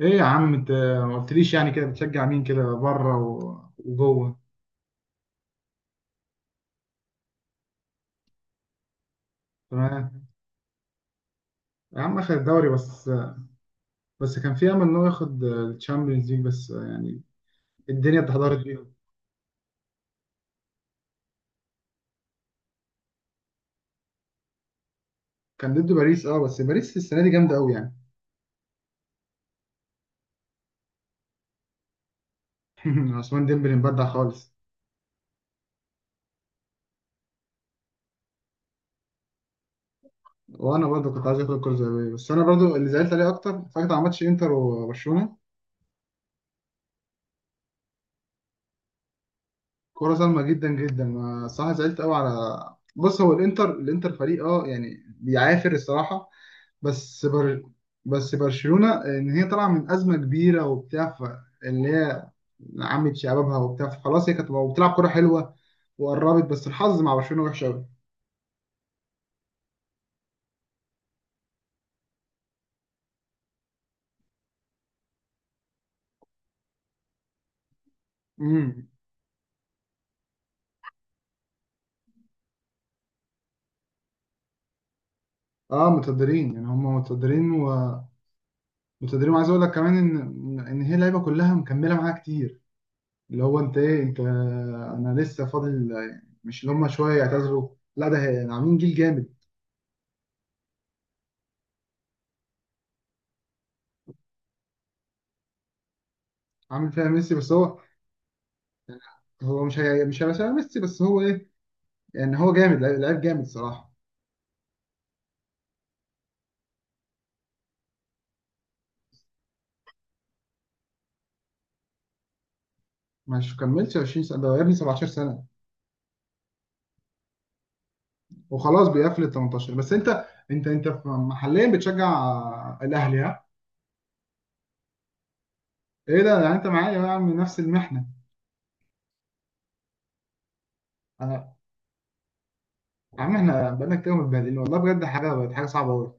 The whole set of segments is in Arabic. ايه يا عم انت، ما قلتليش يعني كده بتشجع مين كده بره وجوه؟ تمام. يا عم اخد الدوري بس. بس كان في امل ان هو ياخد الشامبيونز ليج، بس يعني الدنيا اتدهورت بيهم. كان ضد باريس اه، بس باريس السنه دي جامده قوي يعني. عثمان ديمبلي مبدع خالص. وانا برضو كنت عايز اخد الكره الذهبيه، بس انا برضو اللي زعلت عليه اكتر فاكر على ماتش انتر وبرشلونه. كوره ظالمه جدا جدا، ما صح؟ زعلت قوي على... بص، هو الانتر فريق يعني بيعافر الصراحه. بس بر... بس برشلونة ان هي طالعة من أزمة كبيرة وبتاع اللي هي عمت شبابها وبتاع، فخلاص هي كانت بتلعب كرة حلوة. وقربت، بس الحظ مع برشلونة وحش قوي. امم. اه متقدرين يعني، هم متقدرين ومتقدرين. وعايز اقول لك كمان ان هي اللعيبه كلها مكمله معاها كتير. اللي هو انت ايه، انت انا لسه فاضل. مش اللي هم شويه يعتذروا. لا ده عاملين جيل جامد. عامل فيها ميسي بس هو. هو مش هي مش هيبقى شبه ميسي بس هو ايه. يعني هو جامد، لعيب لعيب جامد صراحه. مش كملتش 20 سنه، ده يا ابني 17 سنه. وخلاص بيقفل ال 18. بس انت، انت محليا بتشجع الاهلي، ها؟ ايه ده؟ يعني انت معايا يا عم نفس المحنه. انا... يا عم احنا بقالنا كتير متبهدلين والله بجد، حاجه بقت حاجه صعبه قوي.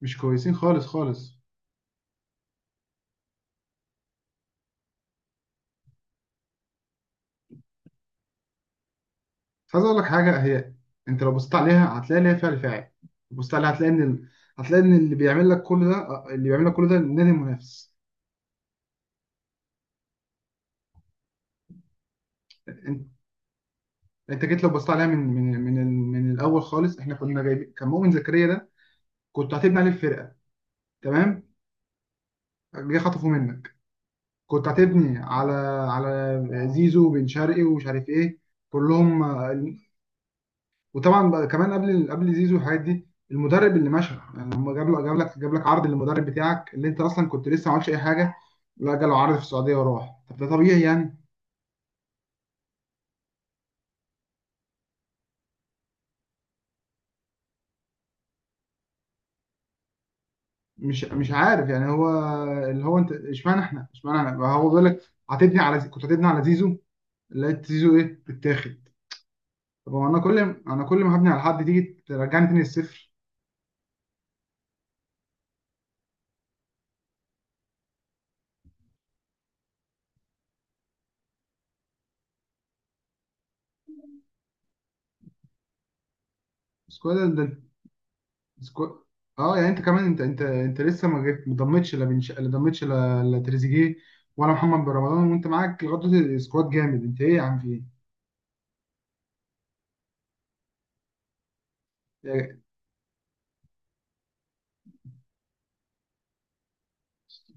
مش كويسين خالص خالص. بس عايز اقول لك حاجه هي، انت لو بصيت عليها هتلاقي ليها فعل فاعل. بصيت عليها هتلاقي ان هتلاقي ان اللي بيعمل لك كل ده النادي المنافس. انت انت جيت لو بصيت عليها من الاول خالص، احنا كنا جايبين كان مؤمن زكريا ده. كنت هتبني عليه الفرقه، تمام. جه خطفه منك. كنت هتبني على زيزو بن شرقي ومش عارف ايه، كلهم. وطبعا بقى كمان قبل زيزو والحاجات دي، المدرب اللي مشى يعني، هم جاب لك عرض للمدرب بتاعك اللي انت اصلا كنت لسه ما عملتش اي حاجه. لا، جاله عرض في السعوديه وراح، طب ده طبيعي يعني؟ مش عارف يعني هو... اللي هو انت اشمعنى احنا بقى. هو بيقول لك كنت هتبني على زيزو، لقيت زيزو ايه، بتاخد. طب هو انا كل ما هبني على حد تيجي ترجعني تاني الصفر. بس كده ده. سكو... اه يعني انت كمان انت لسه ما ضمتش لا ضمتش لا تريزيجيه، ولا محمد بن رمضان. وانت معاك لغايه دلوقتي سكواد جامد، انت ايه يا عم، في ايه؟ يا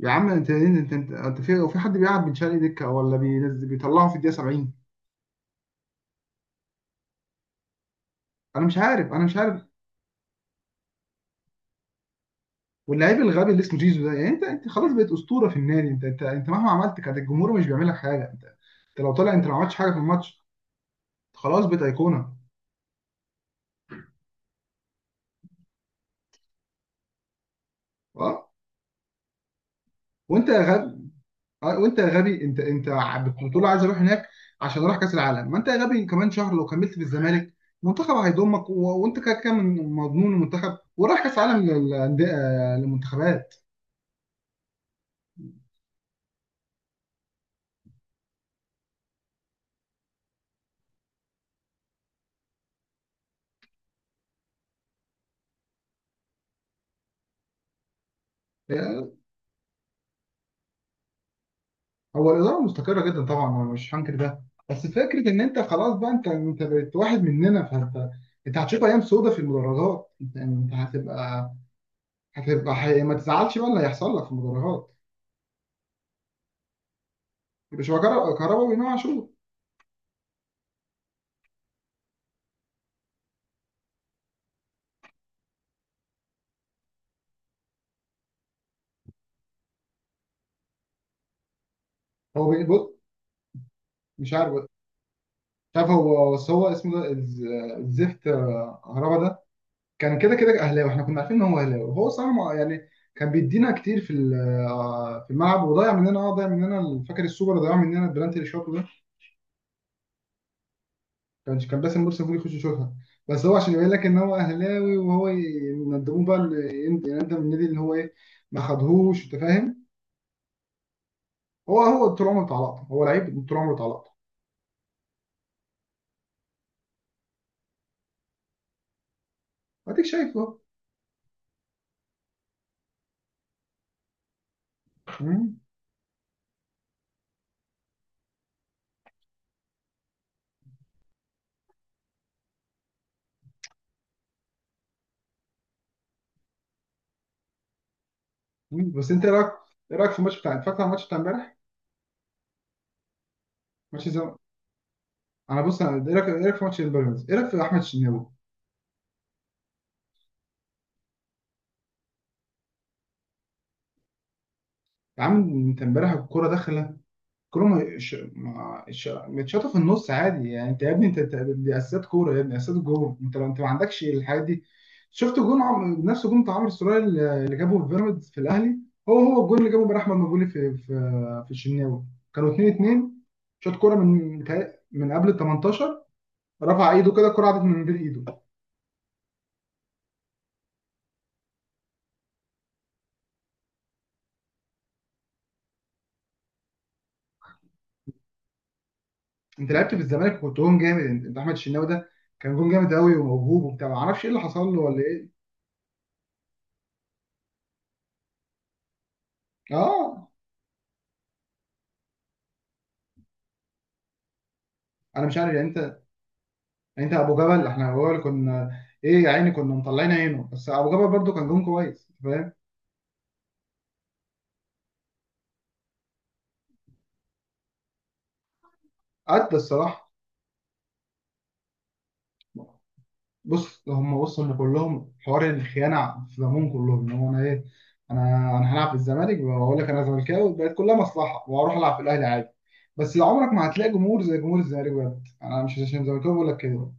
يا عم، انت في حد بيلعب بن شرقي دكه، ولا بينزل بيطلعه في الدقيقه 70؟ انا مش عارف، انا مش عارف. واللعيب الغبي اللي اسمه زيزو ده، يعني انت خلاص بقيت اسطوره في النادي. انت مهما عملت كان الجمهور مش بيعمل لك حاجه. انت لو طلع انت ما عملتش حاجه في الماتش، خلاص بقيت ايقونه. اه وانت يا غبي. وانت يا غبي، انت بتقول له عايز اروح هناك عشان اروح كاس العالم. ما انت يا غبي، كمان شهر لو كملت في الزمالك المنتخب هيضمك، وانت كده كده مضمون المنتخب، ورايح كاس عالم للمنتخبات. آه، هو الاداره مستقره جدا طبعا، انا مش هنكر ده. بس فكره ان انت خلاص بقى، انت بقيت واحد مننا، فانت انت هتشوف ايام سودة في المدرجات. انت هتبقى... ما تزعلش بقى اللي هيحصل لك في المدرجات. مش هو كهرباء، كهرباء وامام عاشور. بص، مش عارف. شايف هو بس هو اسمه ده الزفت هربا ده، كان كده كده اهلاوي، احنا كنا عارفين ان هو اهلاوي. وهو صراحه يعني كان بيدينا كتير في ال- آه، في الملعب، وضيع مننا، ضيع مننا فاكر السوبر، ضيع مننا البلانتي اللي شاطه ده. كان باسم مرسي المفروض يخش يشوطها. بس هو عشان يبين لك ان هو اهلاوي، وهو يندموه بقى يندم النادي، اللي هو ايه، ما خدهوش، انت فاهم. هو طول عمره بتاع لقطه، هو لعيب طول عمره بتاع لقطه، اديك شايف اهو. مم. مم. بس انت ايه رايك، في الماتش بتاع، اتفرجت على الماتش بتاع امبارح؟ ماتش... انا بص، انا ايه رايك، في ماتش البيراميدز، ايه رايك في احمد الشناوي؟ يا عم انت امبارح الكوره داخله، الكوره متشاطه في النص عادي يعني. انت يا ابني، دي اساسات كوره يا ابني، اساسات جول. انت لو ما عندكش الحاجات دي، شفت جون نفس جون بتاع عمرو السولية اللي جابه في بيراميدز في الاهلي. هو الجون اللي جابه امبارح احمد مجولي في الشناوي. كانوا 2-2، شاط كوره من قبل ال 18، رفع ايده كده الكوره عدت من بين ايده. انت لعبت في الزمالك وكنت جون جامد. انت احمد الشناوي ده كان جون جامد قوي وموهوب وبتاع، ما اعرفش ايه اللي حصل له ولا ايه. اه انا مش عارف يعني. انت يعني، انت ابو جبل، احنا هو اللي كنا، ايه يا عيني، كنا مطلعين عينه، بس ابو جبل برضو كان جون كويس فاهم، قد الصراحه. بص، هم وصلوا ان كلهم حوار الخيانه في دمهم كلهم. ان هو انا ايه، انا انا هلعب في الزمالك واقول لك انا زملكاوي، بقت كلها مصلحه، واروح العب في الاهلي عادي. بس لو عمرك ما هتلاقي جمهور زي جمهور الزمالك بجد، انا مش عشان زملكاوي بقول لك كده.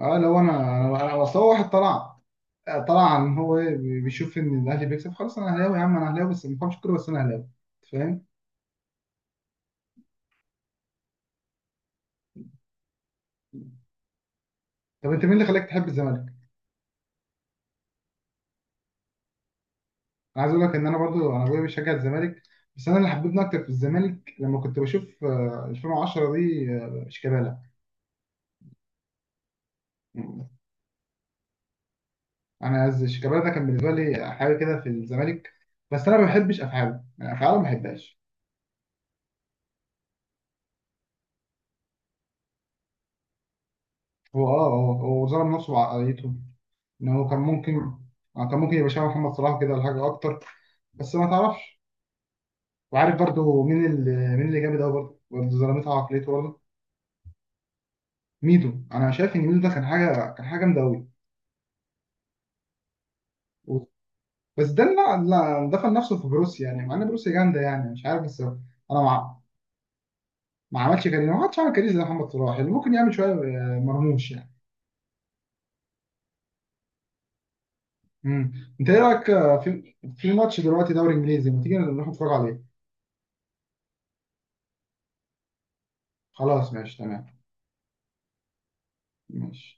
اه، لو اصل هو واحد طلع، طلع ان هو ايه، بيشوف ان الاهلي بيكسب، خلاص انا اهلاوي يا عم، انا اهلاوي بس ما بفهمش كوره، بس انا اهلاوي، أنت فاهم. طب انت مين اللي خلاك تحب الزمالك؟ انا عايز اقول لك ان انا برضو، انا ابويا بيشجع الزمالك. بس انا اللي حببني اكتر في الزمالك لما كنت بشوف 2010 دي، شيكابالا. شيكابالا ده كان بالنسبه لي حاجه كده في الزمالك. بس انا ما بحبش افعاله، يعني افعاله ما بحبهاش. هو اه هو هو ظلم نفسه بعقليته، ان هو كان ممكن... كان ممكن يبقى شبه محمد صلاح كده، ولا حاجه اكتر، بس ما تعرفش. وعارف برضو مين اللي... مين اللي جامد قوي برضو، ظلمتها عقليته برضو، ميدو. انا شايف ان ميدو ده كان حاجه، كان حاجه جامده قوي. بس ده لا لا، دفن نفسه في بروسيا يعني، مع ان بروسيا جامده يعني، مش عارف بس انا... ما ما عملش كارير، ما حدش عمل كارير زي محمد صلاح، اللي ممكن يعمل شويه مرموش يعني. امم. انت ايه رايك في ماتش دلوقتي دوري انجليزي، ما تيجي نروح نتفرج عليه؟ خلاص ماشي تمام. ماشي.